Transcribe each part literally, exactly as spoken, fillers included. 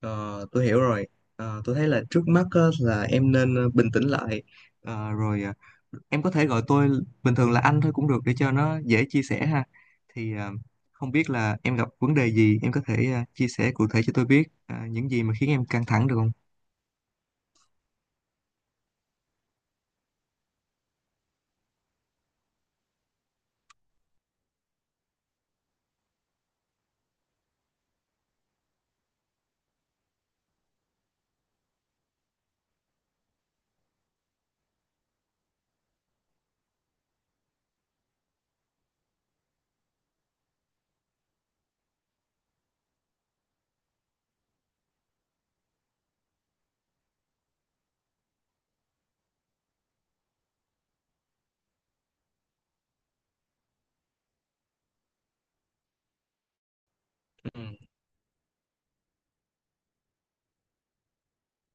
Ờ, tôi hiểu rồi. Ờ, tôi thấy là trước mắt á, là em nên ờ, bình tĩnh lại. Ờ, rồi ờ, em có thể gọi tôi bình thường là anh thôi cũng được để cho nó dễ chia sẻ ha. Thì ờ, Không biết là em gặp vấn đề gì, em có thể ờ, chia sẻ cụ thể cho tôi biết ờ, những gì mà khiến em căng thẳng được không? Ừ.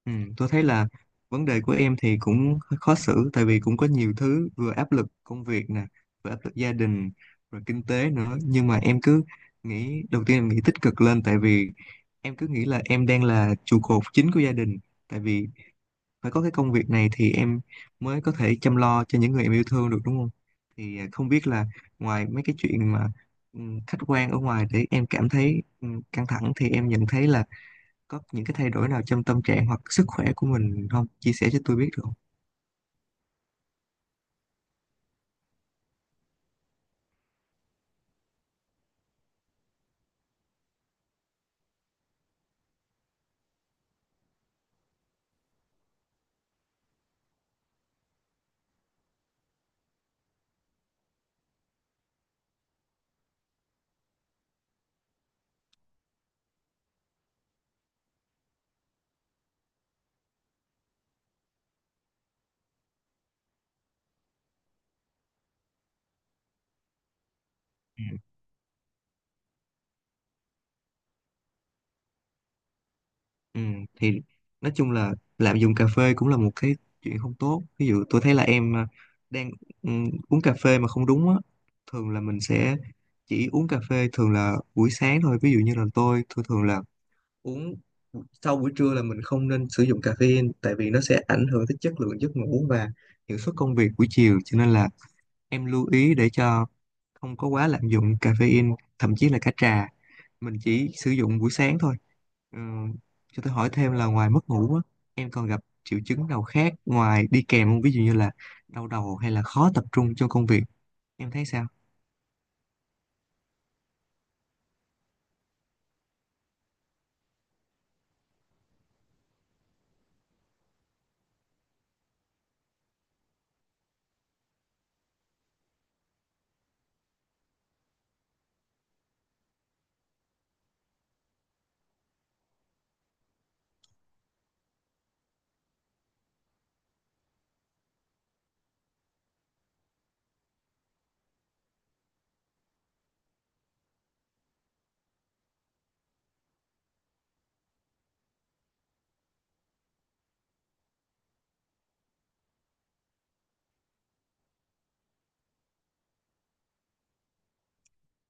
Ừ, tôi thấy là vấn đề của em thì cũng hơi khó xử, tại vì cũng có nhiều thứ, vừa áp lực công việc nè, vừa áp lực gia đình, rồi kinh tế nữa. Nhưng mà em cứ nghĩ, đầu tiên em nghĩ tích cực lên, tại vì em cứ nghĩ là em đang là trụ cột chính của gia đình, tại vì phải có cái công việc này thì em mới có thể chăm lo cho những người em yêu thương được, đúng không? Thì à, không biết là ngoài mấy cái chuyện mà ừm, khách quan ở ngoài để em cảm thấy ừm, căng thẳng, thì em nhận thấy là có những cái thay đổi nào trong tâm trạng hoặc sức khỏe của mình không, chia sẻ cho tôi biết được không? Ừ, thì nói chung là lạm dụng cà phê cũng là một cái chuyện không tốt. Ví dụ tôi thấy là em à, đang ừ, uống cà phê mà không đúng á, thường là mình sẽ chỉ uống cà phê thường là buổi sáng thôi. Ví dụ như là tôi thường thường là uống sau buổi trưa là mình không nên sử dụng caffeine, tại vì nó sẽ ảnh hưởng tới chất lượng giấc ngủ và hiệu suất công việc buổi chiều. Cho nên là em lưu ý để cho không có quá lạm dụng caffeine, thậm chí là cả trà. Mình chỉ sử dụng buổi sáng thôi. Ờ, cho tôi hỏi thêm là ngoài mất ngủ á, em còn gặp triệu chứng nào khác ngoài đi kèm không? Ví dụ như là đau đầu hay là khó tập trung trong công việc. Em thấy sao?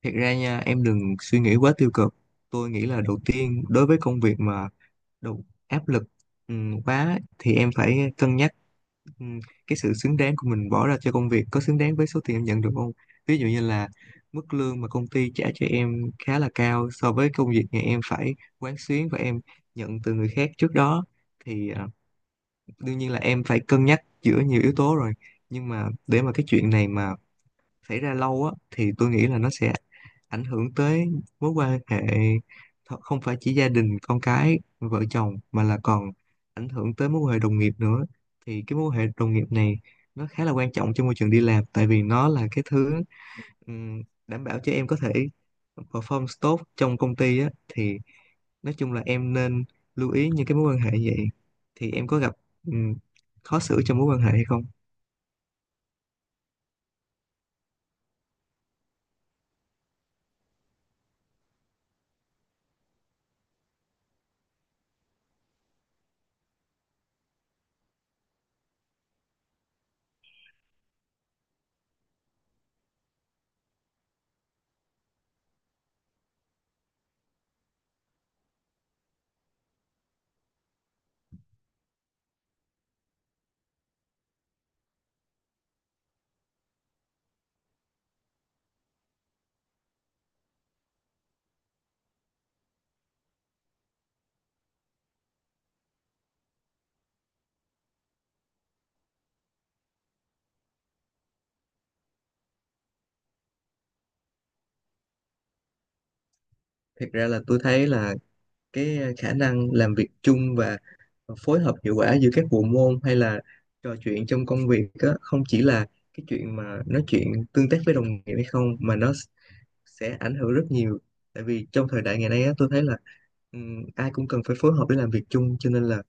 Thiệt ra nha, em đừng suy nghĩ quá tiêu cực. Tôi nghĩ là đầu tiên, đối với công việc mà đầu áp lực ừm, quá thì em phải cân nhắc. Ừ, cái sự xứng đáng của mình bỏ ra cho công việc có xứng đáng với số tiền em nhận được không? Ví dụ như là mức lương mà công ty trả cho em khá là cao so với công việc mà em phải quán xuyến và em nhận từ người khác trước đó, thì à, đương nhiên là em phải cân nhắc giữa nhiều yếu tố rồi. Nhưng mà để mà cái chuyện này mà xảy ra lâu á, thì tôi nghĩ là nó sẽ ảnh hưởng tới mối quan hệ, th- không phải chỉ gia đình con cái vợ chồng mà là còn ảnh hưởng tới mối quan hệ đồng nghiệp nữa. Thì cái mối quan hệ đồng nghiệp này nó khá là quan trọng cho môi trường đi làm, tại vì nó là cái thứ ừm, đảm bảo cho em có thể perform tốt trong công ty á. Thì nói chung là em nên lưu ý những cái mối quan hệ như vậy. Thì em có gặp ừm, khó xử trong mối quan hệ hay không? Thật ra là tôi thấy là cái ờ, khả năng làm việc chung và phối hợp hiệu quả giữa các bộ môn hay là trò chuyện trong công việc á, không chỉ là cái chuyện mà nói chuyện tương tác với đồng nghiệp hay không, mà nó s- sẽ ảnh hưởng rất nhiều, tại vì trong thời đại ngày nay á, tôi thấy là ừm, ai cũng cần phải phối hợp để làm việc chung. Cho nên là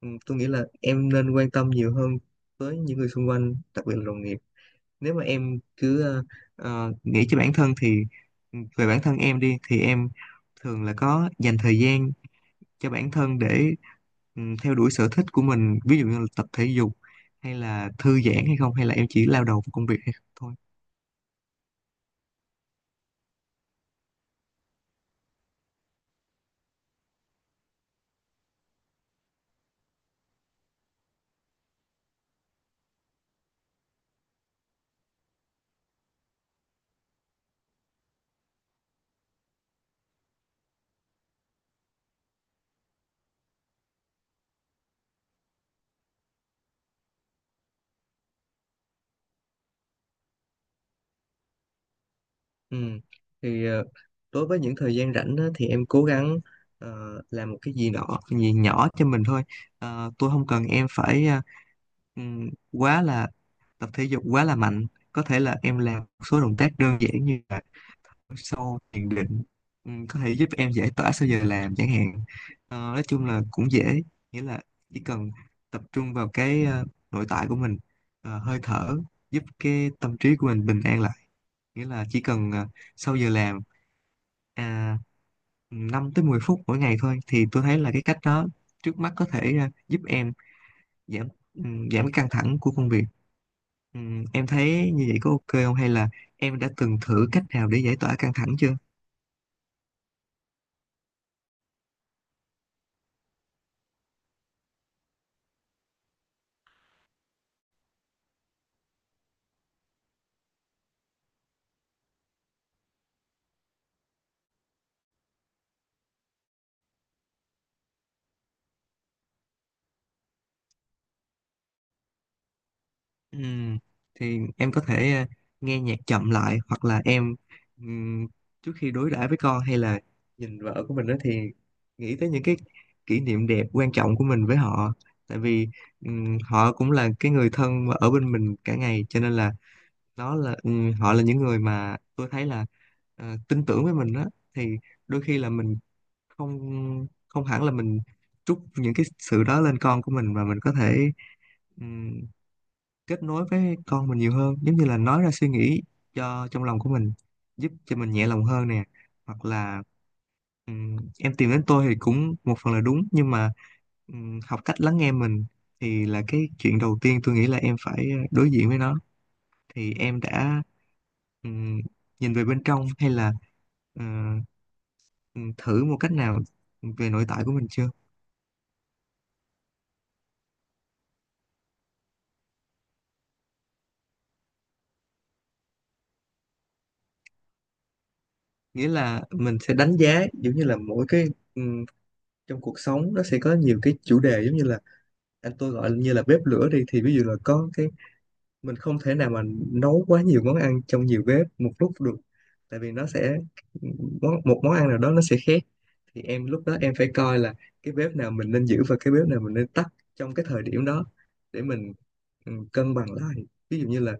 ừm, tôi nghĩ là em nên quan tâm nhiều hơn tới những người xung quanh, đặc biệt là đồng nghiệp. Nếu mà em cứ ờ, ờ, nghĩ cho bản thân thì ừm, về bản thân em đi, thì em thường là có dành thời gian cho bản thân để ừm, theo đuổi sở thích của mình, ví dụ như là tập thể dục hay là thư giãn hay không, hay là em chỉ lao đầu vào công việc hay không thôi? Ừ. Thì ờ, đối với những thời gian rảnh á, thì em cố gắng ờ, làm một cái gì đó gì nhỏ cho mình thôi. Ờ, tôi không cần em phải ờ, ừm, quá là tập thể dục quá là mạnh. Có thể là em làm một số động tác đơn giản như là sâu thiền định, ừ, có thể giúp em giải tỏa sau giờ làm chẳng hạn. Ờ, nói chung là cũng dễ, nghĩa là chỉ cần tập trung vào cái ờ, nội tại của mình, ờ, hơi thở, giúp cái tâm trí của mình bình an lại. Nghĩa là chỉ cần ờ, sau giờ làm à, năm tới mười phút mỗi ngày thôi, thì tôi thấy là cái cách đó trước mắt có thể ờ, giúp em giảm ừm, giảm cái căng thẳng của công việc. Ừm, em thấy như vậy có OK không, hay là em đã từng thử cách nào để giải tỏa căng thẳng chưa? Ừm, thì em có thể ờ, nghe nhạc chậm lại, hoặc là em ừm, trước khi đối đãi với con hay là nhìn vợ của mình đó, thì nghĩ tới những cái kỷ niệm đẹp quan trọng của mình với họ, tại vì ừm, họ cũng là cái người thân mà ở bên mình cả ngày. Cho nên là nó là ừm, họ là những người mà tôi thấy là ờ, tin tưởng với mình đó. Thì đôi khi là mình không không hẳn là mình trút những cái sự đó lên con của mình, mà mình có thể kết nối với con mình nhiều hơn, giống như là nói ra suy nghĩ cho trong lòng của mình, giúp cho mình nhẹ lòng hơn nè. Hoặc là ừm, em tìm đến tôi thì cũng một phần là đúng, nhưng mà ừm, học cách lắng nghe mình thì là cái chuyện đầu tiên tôi nghĩ là em phải ờ, đối diện với nó. Thì em đã ừm, nhìn về bên trong hay là ờ, ừm, thử một cách nào về nội tại của mình chưa? Nghĩa là mình sẽ đánh giá, giống như là mỗi cái ừm, trong cuộc sống nó sẽ có nhiều cái chủ đề, giống như là anh tôi gọi như là bếp lửa đi, thì ví dụ là có cái mình không thể nào mà nấu quá nhiều món ăn trong nhiều bếp một lúc được, tại vì nó sẽ món một món ăn nào đó nó sẽ khét. Thì em lúc đó em phải coi là cái bếp nào mình nên giữ và cái bếp nào mình nên tắt trong cái thời điểm đó để mình ừ, cân bằng lại. Ví dụ như là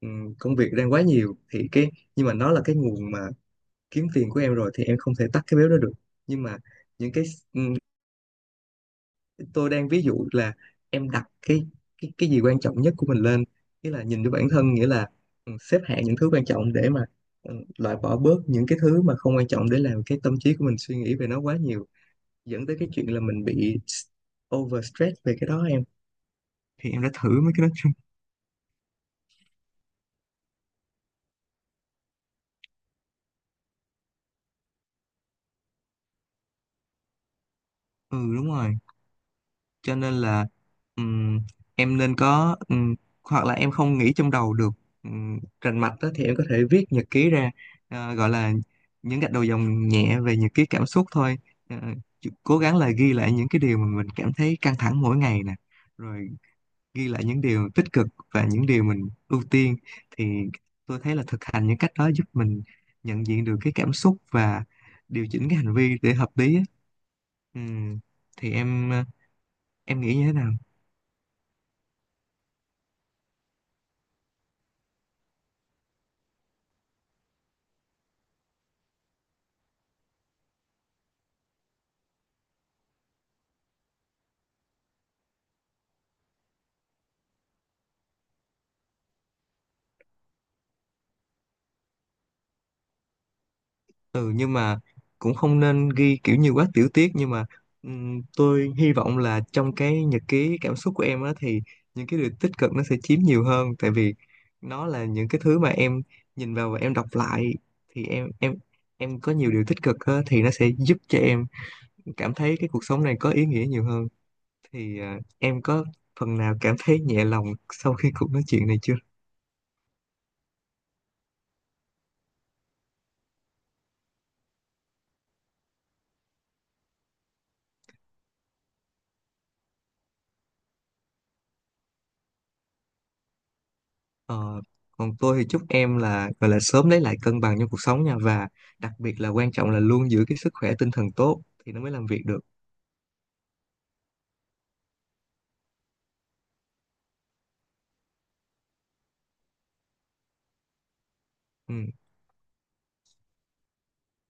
ừ, công việc đang quá nhiều thì cái, nhưng mà nó là cái nguồn mà kiếm tiền của em rồi, thì em không thể tắt cái bếp đó được. Nhưng mà những cái ừ, tôi đang ví dụ là em đặt cái, cái cái gì quan trọng nhất của mình lên, nghĩa là nhìn cho bản thân, nghĩa là ừ, xếp hạng những thứ quan trọng để mà ừ, loại bỏ bớt những cái thứ mà không quan trọng, để làm cái tâm trí của mình suy nghĩ về nó quá nhiều, dẫn tới cái chuyện là mình bị s- overstress về cái đó em. Thì em đã thử mấy cái đó chưa? Ừ, đúng rồi. Cho nên là ừm, em nên có, ừm, hoặc là em không nghĩ trong đầu được um, rành mạch đó, thì em có thể viết nhật ký ra. Ờ, gọi là những gạch đầu dòng nhẹ về nhật ký cảm xúc thôi. Ờ, chú- Cố gắng là ghi lại những cái điều mà mình cảm thấy căng thẳng mỗi ngày nè, rồi ghi lại những điều tích cực và những điều mình ưu tiên. Thì tôi thấy là thực hành những cách đó giúp mình nhận diện được cái cảm xúc và điều chỉnh cái hành vi để hợp lý á. Ừm, thì em ờ, em nghĩ như thế nào? Ừ, nhưng mà cũng không nên ghi kiểu nhiều quá tiểu tiết. Nhưng mà ừm, tôi hy vọng là trong cái nhật ký cảm xúc của em á, thì những cái điều tích cực nó sẽ chiếm nhiều hơn, tại vì nó là những cái thứ mà em nhìn vào và em đọc lại. Thì em em em có nhiều điều tích cực á, thì nó sẽ giúp cho em cảm thấy cái cuộc sống này có ý nghĩa nhiều hơn. Thì à, em có phần nào cảm thấy nhẹ lòng sau khi cuộc nói chuyện này chưa? Ờ, Còn tôi thì chúc em là gọi là sớm lấy lại cân bằng trong cuộc sống nha, và đặc biệt là quan trọng là luôn giữ cái sức khỏe tinh thần tốt thì nó mới làm việc được. Ừ.